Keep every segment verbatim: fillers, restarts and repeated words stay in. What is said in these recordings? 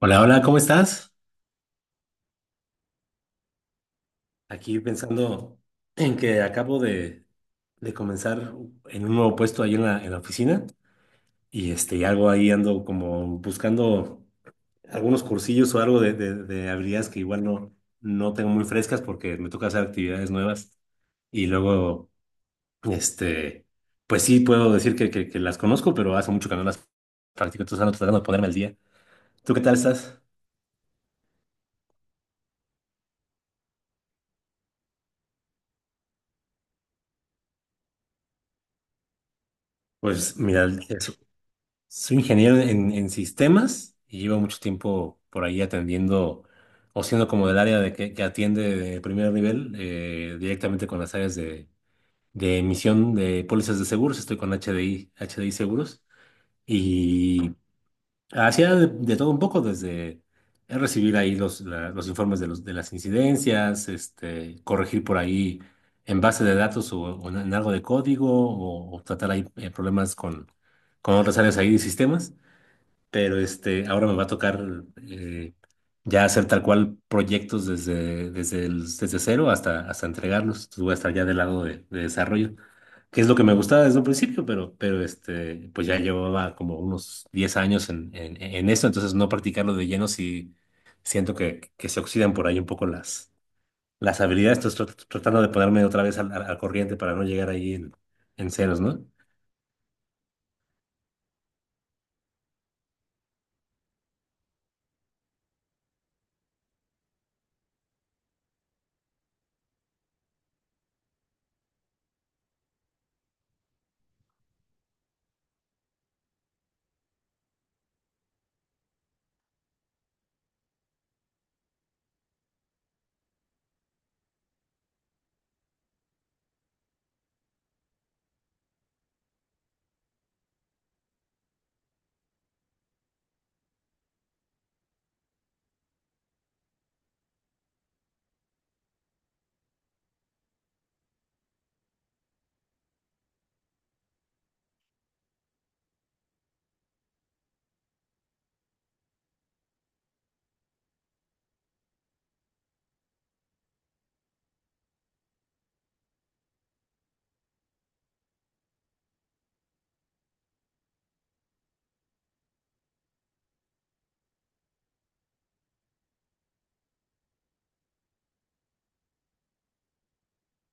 Hola, hola, ¿cómo estás? Aquí pensando en que acabo de, de comenzar en un nuevo puesto ahí en la, en la oficina y este, y algo ahí ando como buscando algunos cursillos o algo de, de- de habilidades que igual no, no tengo muy frescas porque me toca hacer actividades nuevas y luego, este, pues sí puedo decir que, que- que las conozco, pero hace mucho que no las practico. Entonces ando tratando de ponerme al día. ¿Tú qué tal estás? Pues mira, es- soy ingeniero en, en sistemas y llevo mucho tiempo por ahí atendiendo o siendo como del área de que, que atiende de primer nivel, eh, directamente con las áreas de, de emisión de pólizas de seguros. Estoy con H H D I H D I Seguros. Y hacía de, de todo un poco, desde recibir ahí los, la- los informes de, los, de las incidencias, este, corregir por ahí en base de datos, o, o en en algo de código, o, o tratar ahí, eh, problemas con, con otras áreas ahí de sistemas. Pero este, ahora me va a tocar, eh, ya hacer tal cual proyectos desde, desde, el- desde cero hasta, hasta entregarlos. Entonces voy a estar ya del lado de, de desarrollo, que es lo que me gustaba desde un principio, pero, pero este, pues ya llevaba como unos diez años en, en, en eso. Entonces, no practicarlo de lleno, si siento que, que se oxidan por ahí un poco las, las habilidades. Entonces trat- tratando de ponerme otra vez al, al- al corriente para no llegar ahí en, en ceros, ¿no?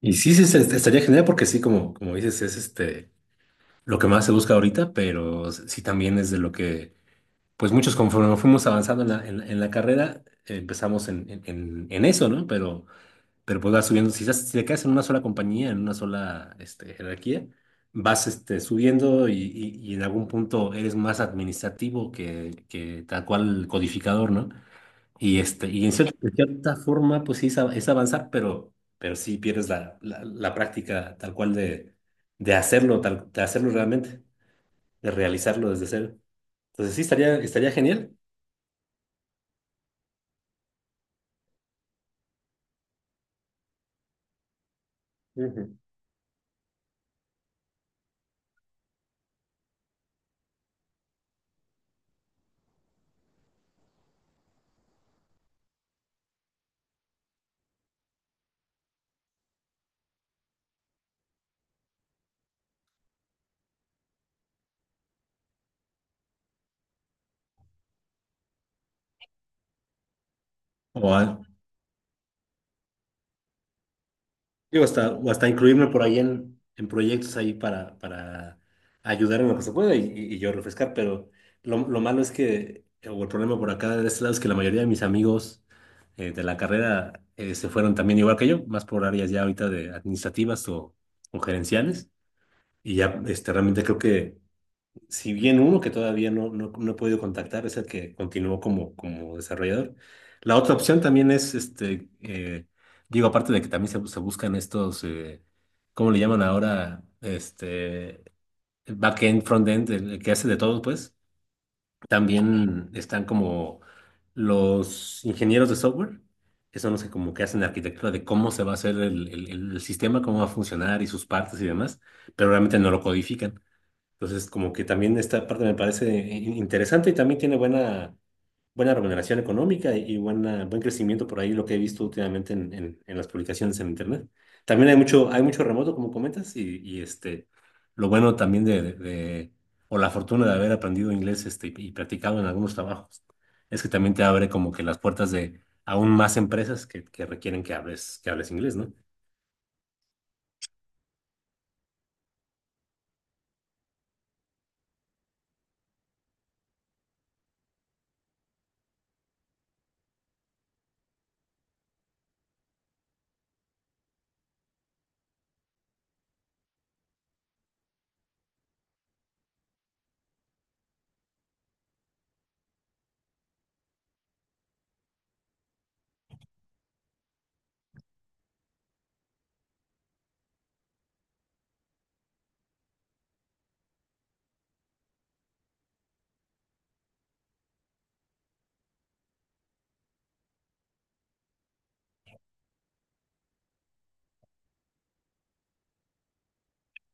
Y sí, sí, est- estaría genial, porque sí, como, como dices, es este lo que más se busca ahorita, pero sí también es de lo que pues muchos conforme fuimos avanzando en la, en, la en la carrera, eh, empezamos en, en, en- en eso, ¿no? Pero, pero pues vas subiendo. Si, estás- si te quedas en una sola compañía, en una sola este, jerarquía, vas, este, subiendo, y, y- y en algún punto eres más administrativo que, que tal cual codificador, ¿no? Y, este, y en cierta, en cierta forma, pues sí, es, av- es avanzar, pero, pero sí pierdes la, la, la práctica tal cual de, de hacerlo, tal, de hacerlo realmente, de realizarlo desde cero. Entonces sí, estaría, estaría genial. Ujú. O, a- Digo, hasta, o hasta incluirme por ahí en, en proyectos ahí para, para ayudar en lo que se pueda, y, y- y yo refrescar. Pero lo, lo malo es que, o el problema por acá de este lado es que la mayoría de mis amigos, eh, de la carrera, eh, se fueron también igual que yo, más por áreas ya ahorita de administrativas o, o gerenciales, y ya este, realmente creo que, si bien, uno que todavía no, no, no he podido contactar es el que continuó como, como desarrollador. La otra opción también es, este, eh, digo, aparte de que también se, se buscan estos, eh, ¿cómo le llaman ahora? Este, backend, frontend, el, el que hace de todo, pues. También están como los ingenieros de software, que son los que como que hacen la arquitectura de cómo se va a hacer el, el el sistema, cómo va a funcionar y sus partes y demás, pero realmente no lo codifican. Entonces, como que también esta parte me parece in- interesante, y también tiene buena, buena remuneración económica y buena, buen crecimiento por ahí, lo que he visto últimamente en, en- en las publicaciones en Internet. También hay mucho, hay mucho remoto, como comentas, y, y, este, lo bueno también de, de- de- o la fortuna de haber aprendido inglés, este, y y practicado en algunos trabajos, es que también te abre como que las puertas de aún más empresas que, que requieren que hables, que hables inglés, ¿no?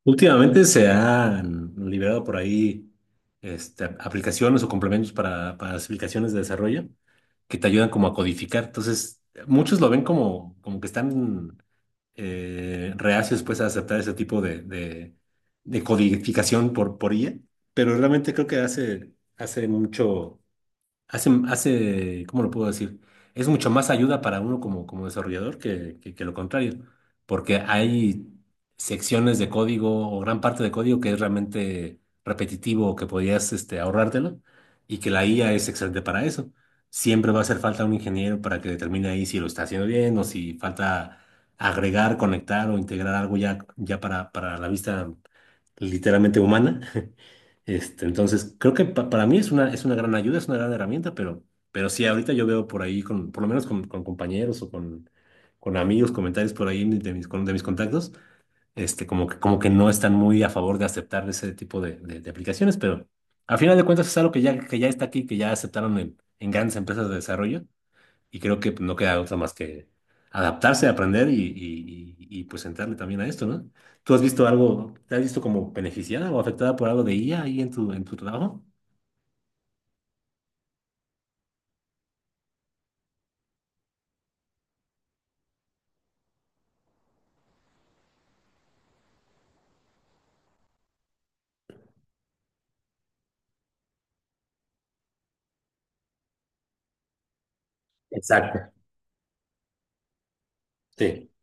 Últimamente se han liberado por ahí, este, aplicaciones o complementos para, para las aplicaciones de desarrollo que te ayudan como a codificar. Entonces, muchos lo ven como, como que están, eh, reacios, pues, a aceptar ese tipo de, de, de codificación por, por I A, pero realmente creo que hace, hace mucho hace, hace, ¿cómo lo puedo decir? Es mucho más ayuda para uno como, como desarrollador que, que, que lo contrario, porque hay secciones de código o gran parte de código que es realmente repetitivo, o que podías, este, ahorrártelo, y que la I A es excelente para eso. Siempre va a hacer falta un ingeniero para que determine ahí si lo está haciendo bien o si falta agregar, conectar o integrar algo ya, ya para, para la vista literalmente humana. Este, entonces, creo que pa- para mí es una, es una gran ayuda, es una gran herramienta, pero, pero sí, ahorita yo veo por ahí, con, por lo menos con, con compañeros o con, con amigos, comentarios por ahí de mis, con- de mis contactos, este, como que, como que no están muy a favor de aceptar ese tipo de, de, de aplicaciones, pero al final de cuentas es algo que ya, que ya está aquí, que ya aceptaron en, en grandes empresas de desarrollo. Y creo que no queda otra más que adaptarse, aprender y, y, y- y, pues entrarle también a esto, ¿no? ¿Tú has visto algo? ¿Te has visto como beneficiada o afectada por algo de I A ahí en tu, en tu trabajo? Exacto, sí.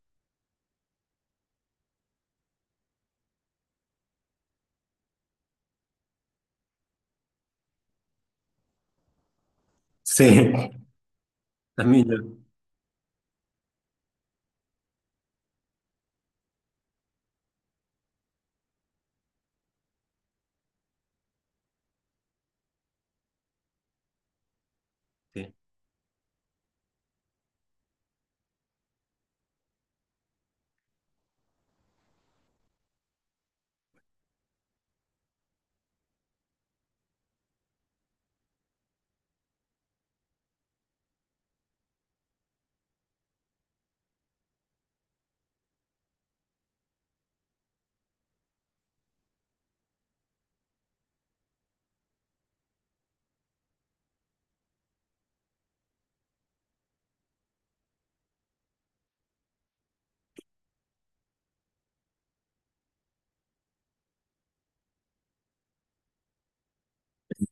Sí, también yo. Sí.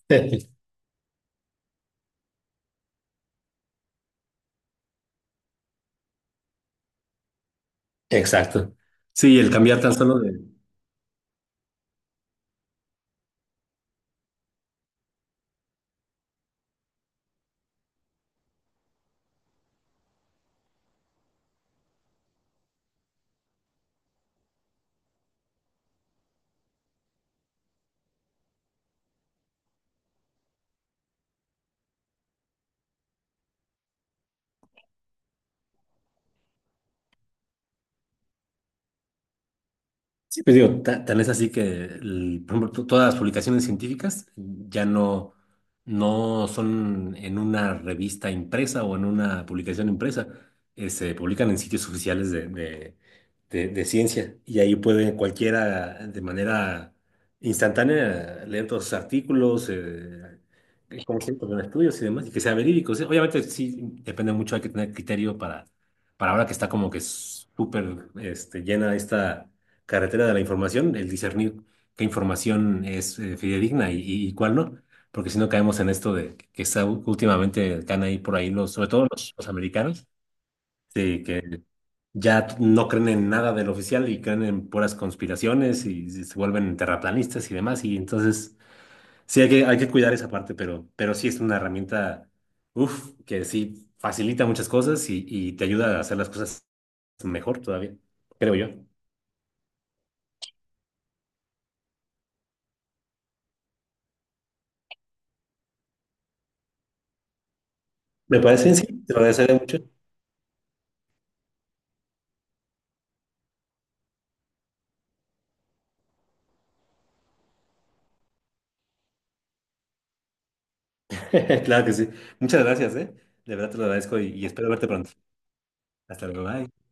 Exacto. Sí, el cambiar tan solo de, sí, pues digo, ta- tan es así que, el- por ejemplo, to- todas las publicaciones científicas ya no, no son en una revista impresa o en una publicación impresa. Eh, se publican en sitios oficiales de, de, de- de ciencia, y ahí puede cualquiera de manera instantánea leer todos sus artículos, eh, cómo se con estudios y demás, y que sea verídico. O sea, obviamente sí, depende mucho, hay que tener criterio para, para ahora que está como que súper, este, llena esta carretera de la información, el discernir qué información es, eh, fidedigna, y, y- y cuál no, porque si no caemos en esto de que está, u- últimamente están ahí por ahí los, sobre todo los, los americanos, sí, que ya no creen en nada del oficial y creen en puras conspiraciones y se vuelven terraplanistas y demás, y entonces sí hay que, hay que cuidar esa parte, pero, pero sí es una herramienta, uff, que sí facilita muchas cosas y, y te ayuda a hacer las cosas mejor todavía, creo yo. Me parece, sí, te lo agradecería mucho. Claro que sí. Muchas gracias, ¿eh? De verdad te lo agradezco y, y espero verte pronto. Hasta luego, bye.